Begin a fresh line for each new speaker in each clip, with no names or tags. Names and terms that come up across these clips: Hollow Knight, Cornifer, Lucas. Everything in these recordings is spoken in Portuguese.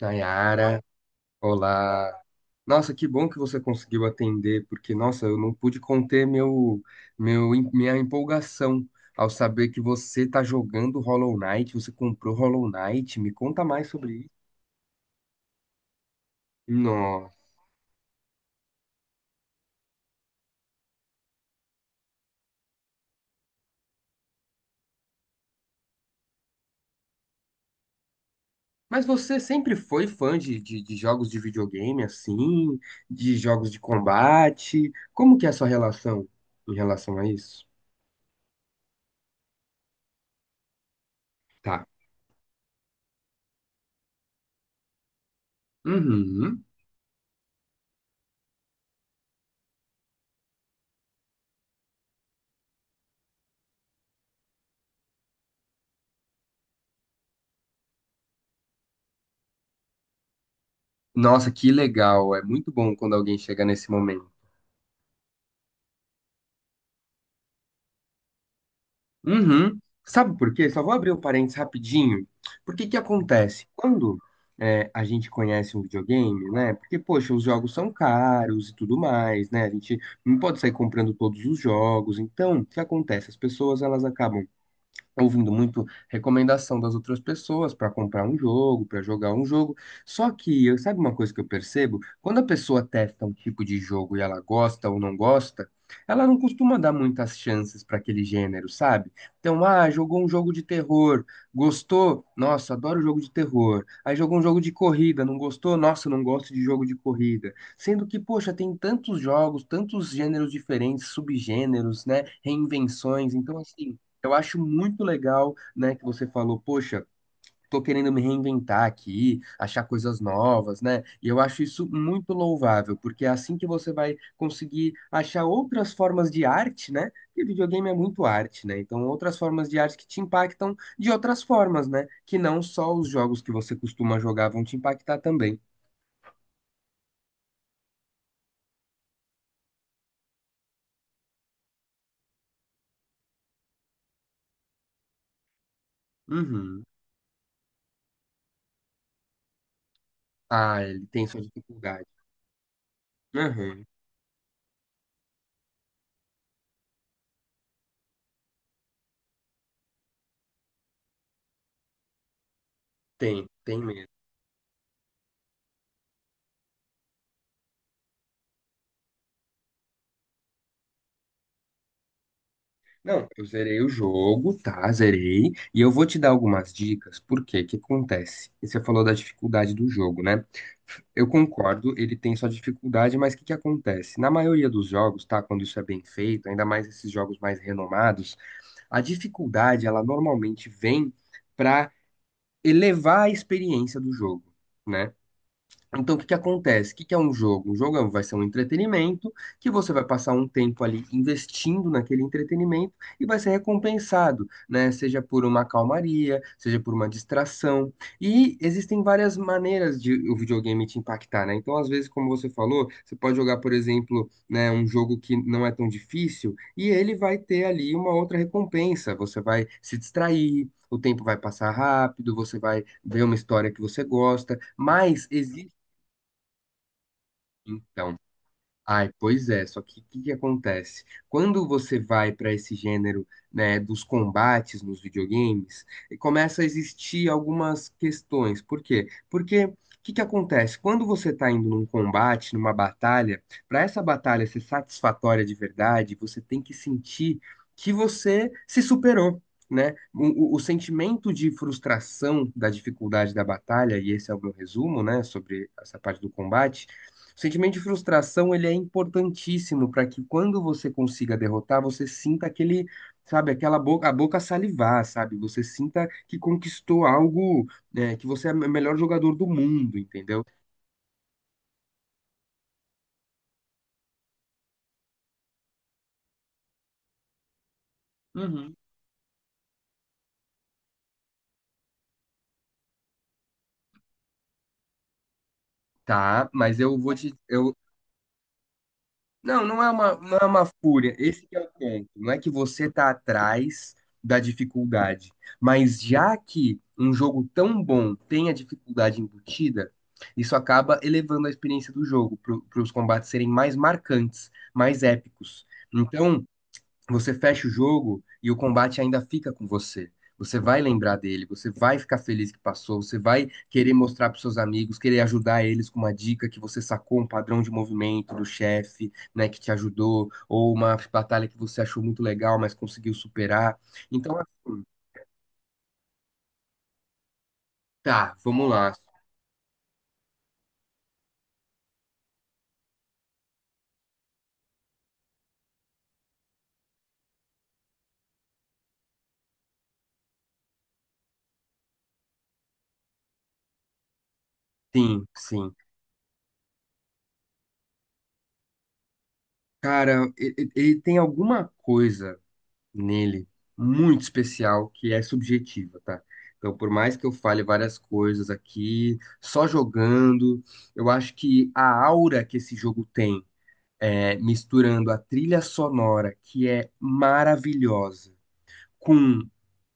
Nayara, olá. Nossa, que bom que você conseguiu atender, porque, nossa, eu não pude conter minha empolgação ao saber que você tá jogando Hollow Knight, você comprou Hollow Knight. Me conta mais sobre isso. Nossa. Mas você sempre foi fã de jogos de videogame, assim, de jogos de combate? Como que é a sua relação em relação a isso? Tá. Uhum. Nossa, que legal. É muito bom quando alguém chega nesse momento. Uhum. Sabe por quê? Só vou abrir o parênteses rapidinho. Porque que acontece? Quando é, a gente conhece um videogame, né? Porque, poxa, os jogos são caros e tudo mais, né? A gente não pode sair comprando todos os jogos. Então, o que acontece? As pessoas, elas acabam tá ouvindo muito recomendação das outras pessoas para comprar um jogo, para jogar um jogo. Só que, sabe uma coisa que eu percebo? Quando a pessoa testa um tipo de jogo e ela gosta ou não gosta, ela não costuma dar muitas chances para aquele gênero, sabe? Então, ah, jogou um jogo de terror, gostou? Nossa, adoro jogo de terror. Aí jogou um jogo de corrida, não gostou? Nossa, não gosto de jogo de corrida. Sendo que, poxa, tem tantos jogos, tantos gêneros diferentes, subgêneros, né? Reinvenções. Então, assim, eu acho muito legal, né, que você falou, poxa, tô querendo me reinventar aqui, achar coisas novas, né? E eu acho isso muito louvável, porque é assim que você vai conseguir achar outras formas de arte, né? Porque videogame é muito arte, né? Então, outras formas de arte que te impactam de outras formas, né? Que não só os jogos que você costuma jogar vão te impactar também. Uhum. Ah, ele tem sua dificuldade. Uhum. Tem, tem mesmo. Não, eu zerei o jogo, tá? Zerei. E eu vou te dar algumas dicas. Por quê? O que acontece? Você falou da dificuldade do jogo, né? Eu concordo, ele tem sua dificuldade, mas o que que acontece? Na maioria dos jogos, tá? Quando isso é bem feito, ainda mais esses jogos mais renomados, a dificuldade, ela normalmente vem para elevar a experiência do jogo. Né? Então, o que que acontece? O que que é um jogo? Um jogo vai ser um entretenimento que você vai passar um tempo ali investindo naquele entretenimento e vai ser recompensado, né? Seja por uma calmaria, seja por uma distração. E existem várias maneiras de o videogame te impactar, né? Então, às vezes, como você falou, você pode jogar, por exemplo, né, um jogo que não é tão difícil e ele vai ter ali uma outra recompensa. Você vai se distrair. O tempo vai passar rápido, você vai ver uma história que você gosta, mas existe então, ai, pois é, só que o que que acontece? Quando você vai para esse gênero, né, dos combates nos videogames, e começa a existir algumas questões. Por quê? Porque o que que acontece? Quando você está indo num combate, numa batalha, para essa batalha ser satisfatória de verdade, você tem que sentir que você se superou. Né? O sentimento de frustração da dificuldade da batalha, e esse é o meu resumo, né, sobre essa parte do combate, o sentimento de frustração, ele é importantíssimo para que quando você consiga derrotar, você sinta aquele, sabe, aquela boca, a boca salivar, sabe? Você sinta que conquistou algo, né, que você é o melhor jogador do mundo, entendeu? Uhum. Tá, mas eu vou te, eu, não, não é uma fúria. Esse que é o ponto. Não é que você tá atrás da dificuldade, mas já que um jogo tão bom tem a dificuldade embutida, isso acaba elevando a experiência do jogo para os combates serem mais marcantes, mais épicos. Então, você fecha o jogo e o combate ainda fica com você. Você vai lembrar dele, você vai ficar feliz que passou, você vai querer mostrar para seus amigos, querer ajudar eles com uma dica que você sacou um padrão de movimento do chefe, né, que te ajudou, ou uma batalha que você achou muito legal, mas conseguiu superar. Então, assim, tá, vamos lá. Sim, sim. Cara, ele tem alguma coisa nele muito especial que é subjetiva, tá? Então, por mais que eu fale várias coisas aqui, só jogando, eu acho que a aura que esse jogo tem, é, misturando a trilha sonora, que é maravilhosa, com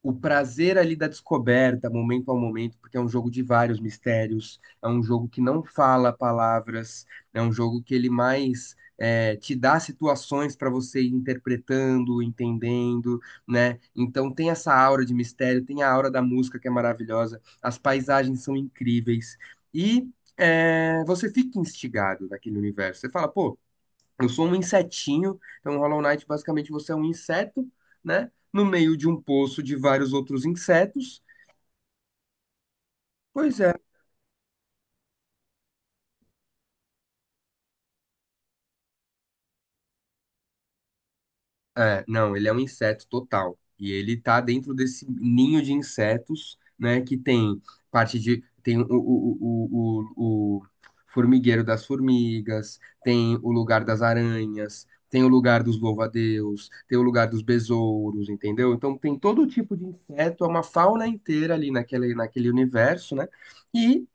o prazer ali da descoberta, momento ao momento, porque é um jogo de vários mistérios, é um jogo que não fala palavras, é um jogo que ele mais é, te dá situações para você ir interpretando, entendendo, né? Então tem essa aura de mistério, tem a aura da música que é maravilhosa, as paisagens são incríveis e é, você fica instigado naquele universo. Você fala, pô, eu sou um insetinho, então Hollow Knight basicamente você é um inseto, né? No meio de um poço de vários outros insetos. Pois é. É, não, ele é um inseto total. E ele tá dentro desse ninho de insetos, né? Que tem parte de. Tem o formigueiro das formigas, tem o lugar das aranhas, tem o lugar dos louva-a-Deus, tem o lugar dos besouros, entendeu? Então tem todo tipo de inseto, é uma fauna inteira ali naquele universo, né? E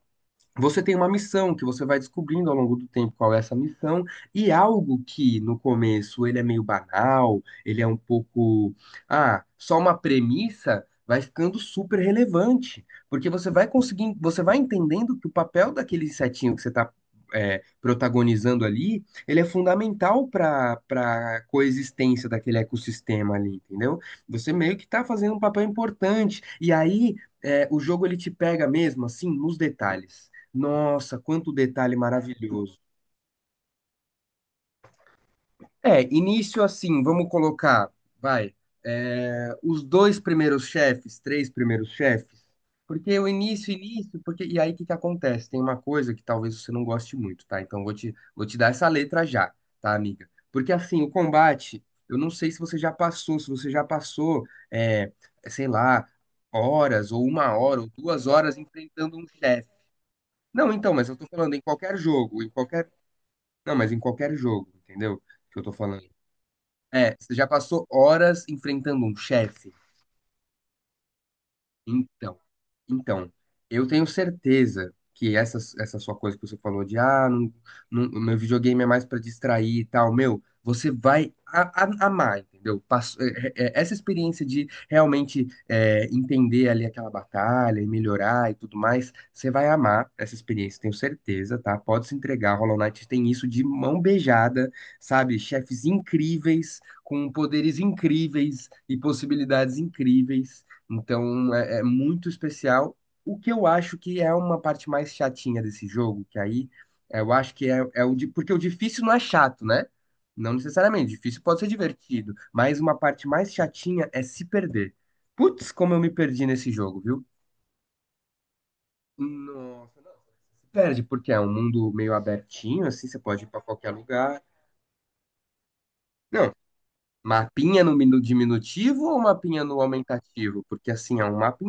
você tem uma missão que você vai descobrindo ao longo do tempo qual é essa missão, e algo que no começo ele é meio banal, ele é um pouco, ah, só uma premissa, vai ficando super relevante, porque você vai conseguindo, você vai entendendo que o papel daquele insetinho que você está protagonizando ali, ele é fundamental para para coexistência daquele ecossistema ali, entendeu? Você meio que está fazendo um papel importante, e aí é, o jogo ele te pega mesmo assim nos detalhes. Nossa, quanto detalhe maravilhoso. É, início assim, vamos colocar, vai, é, os dois primeiros chefes, três primeiros chefes, porque o início, início, porque, e aí o que que acontece? Tem uma coisa que talvez você não goste muito, tá? Então vou te dar essa letra já, tá, amiga? Porque assim, o combate, eu não sei se você já passou, é, sei lá, horas, ou uma hora, ou duas horas enfrentando um chefe. Não, então, mas eu tô falando em qualquer jogo, em qualquer não, mas em qualquer jogo, entendeu? Que eu tô falando. É, você já passou horas enfrentando um chefe. Então, então, eu tenho certeza que essa sua coisa que você falou de ah, não, meu videogame é mais pra distrair e tal, meu, você vai amar, entendeu? Essa experiência de realmente é, entender ali aquela batalha e melhorar e tudo mais, você vai amar essa experiência, tenho certeza, tá? Pode se entregar, Hollow Knight tem isso de mão beijada, sabe? Chefes incríveis, com poderes incríveis e possibilidades incríveis. Então é, é muito especial. O que eu acho que é uma parte mais chatinha desse jogo, que aí é, eu acho que é o de, porque o difícil não é chato, né? Não necessariamente, difícil pode ser divertido, mas uma parte mais chatinha é se perder. Putz, como eu me perdi nesse jogo, viu? Nossa, não. Se perde, porque é um mundo meio abertinho, assim, você pode ir pra qualquer lugar. Não, mapinha no diminutivo ou mapinha no aumentativo? Porque assim, é um mapa.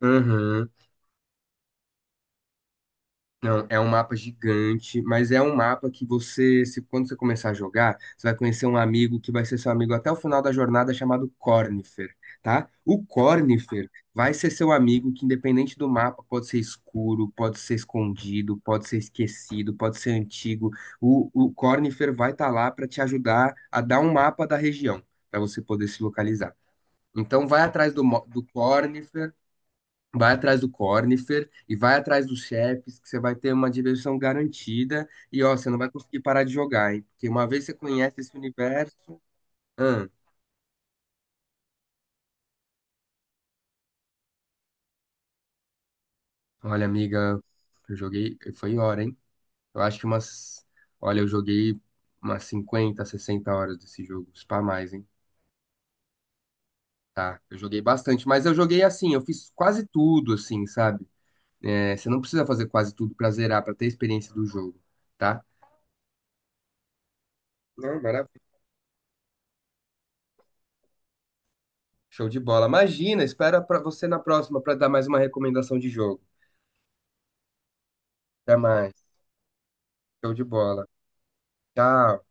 Uhum. Não, é um mapa gigante, mas é um mapa que você, se quando você começar a jogar, você vai conhecer um amigo que vai ser seu amigo até o final da jornada, chamado Cornifer, tá? O Cornifer vai ser seu amigo que, independente do mapa, pode ser escuro, pode ser escondido, pode ser esquecido, pode ser antigo. O Cornifer vai estar lá para te ajudar a dar um mapa da região, para você poder se localizar. Então, vai atrás do, do Cornifer. Vai atrás do Cornifer e vai atrás dos chefes, que você vai ter uma diversão garantida. E ó, você não vai conseguir parar de jogar, hein? Porque uma vez você conhece esse universo. Hum, olha, amiga, eu joguei. Foi hora, hein? Eu acho que umas. Olha, eu joguei umas 50, 60 horas desse jogo. Se pá mais, hein? Tá, eu joguei bastante. Mas eu joguei assim, eu fiz quase tudo, assim, sabe? É, você não precisa fazer quase tudo pra zerar, pra ter a experiência do jogo, tá? Não, maravilha. Show de bola. Imagina, espera para você na próxima para dar mais uma recomendação de jogo. Até mais. Show de bola. Tchau.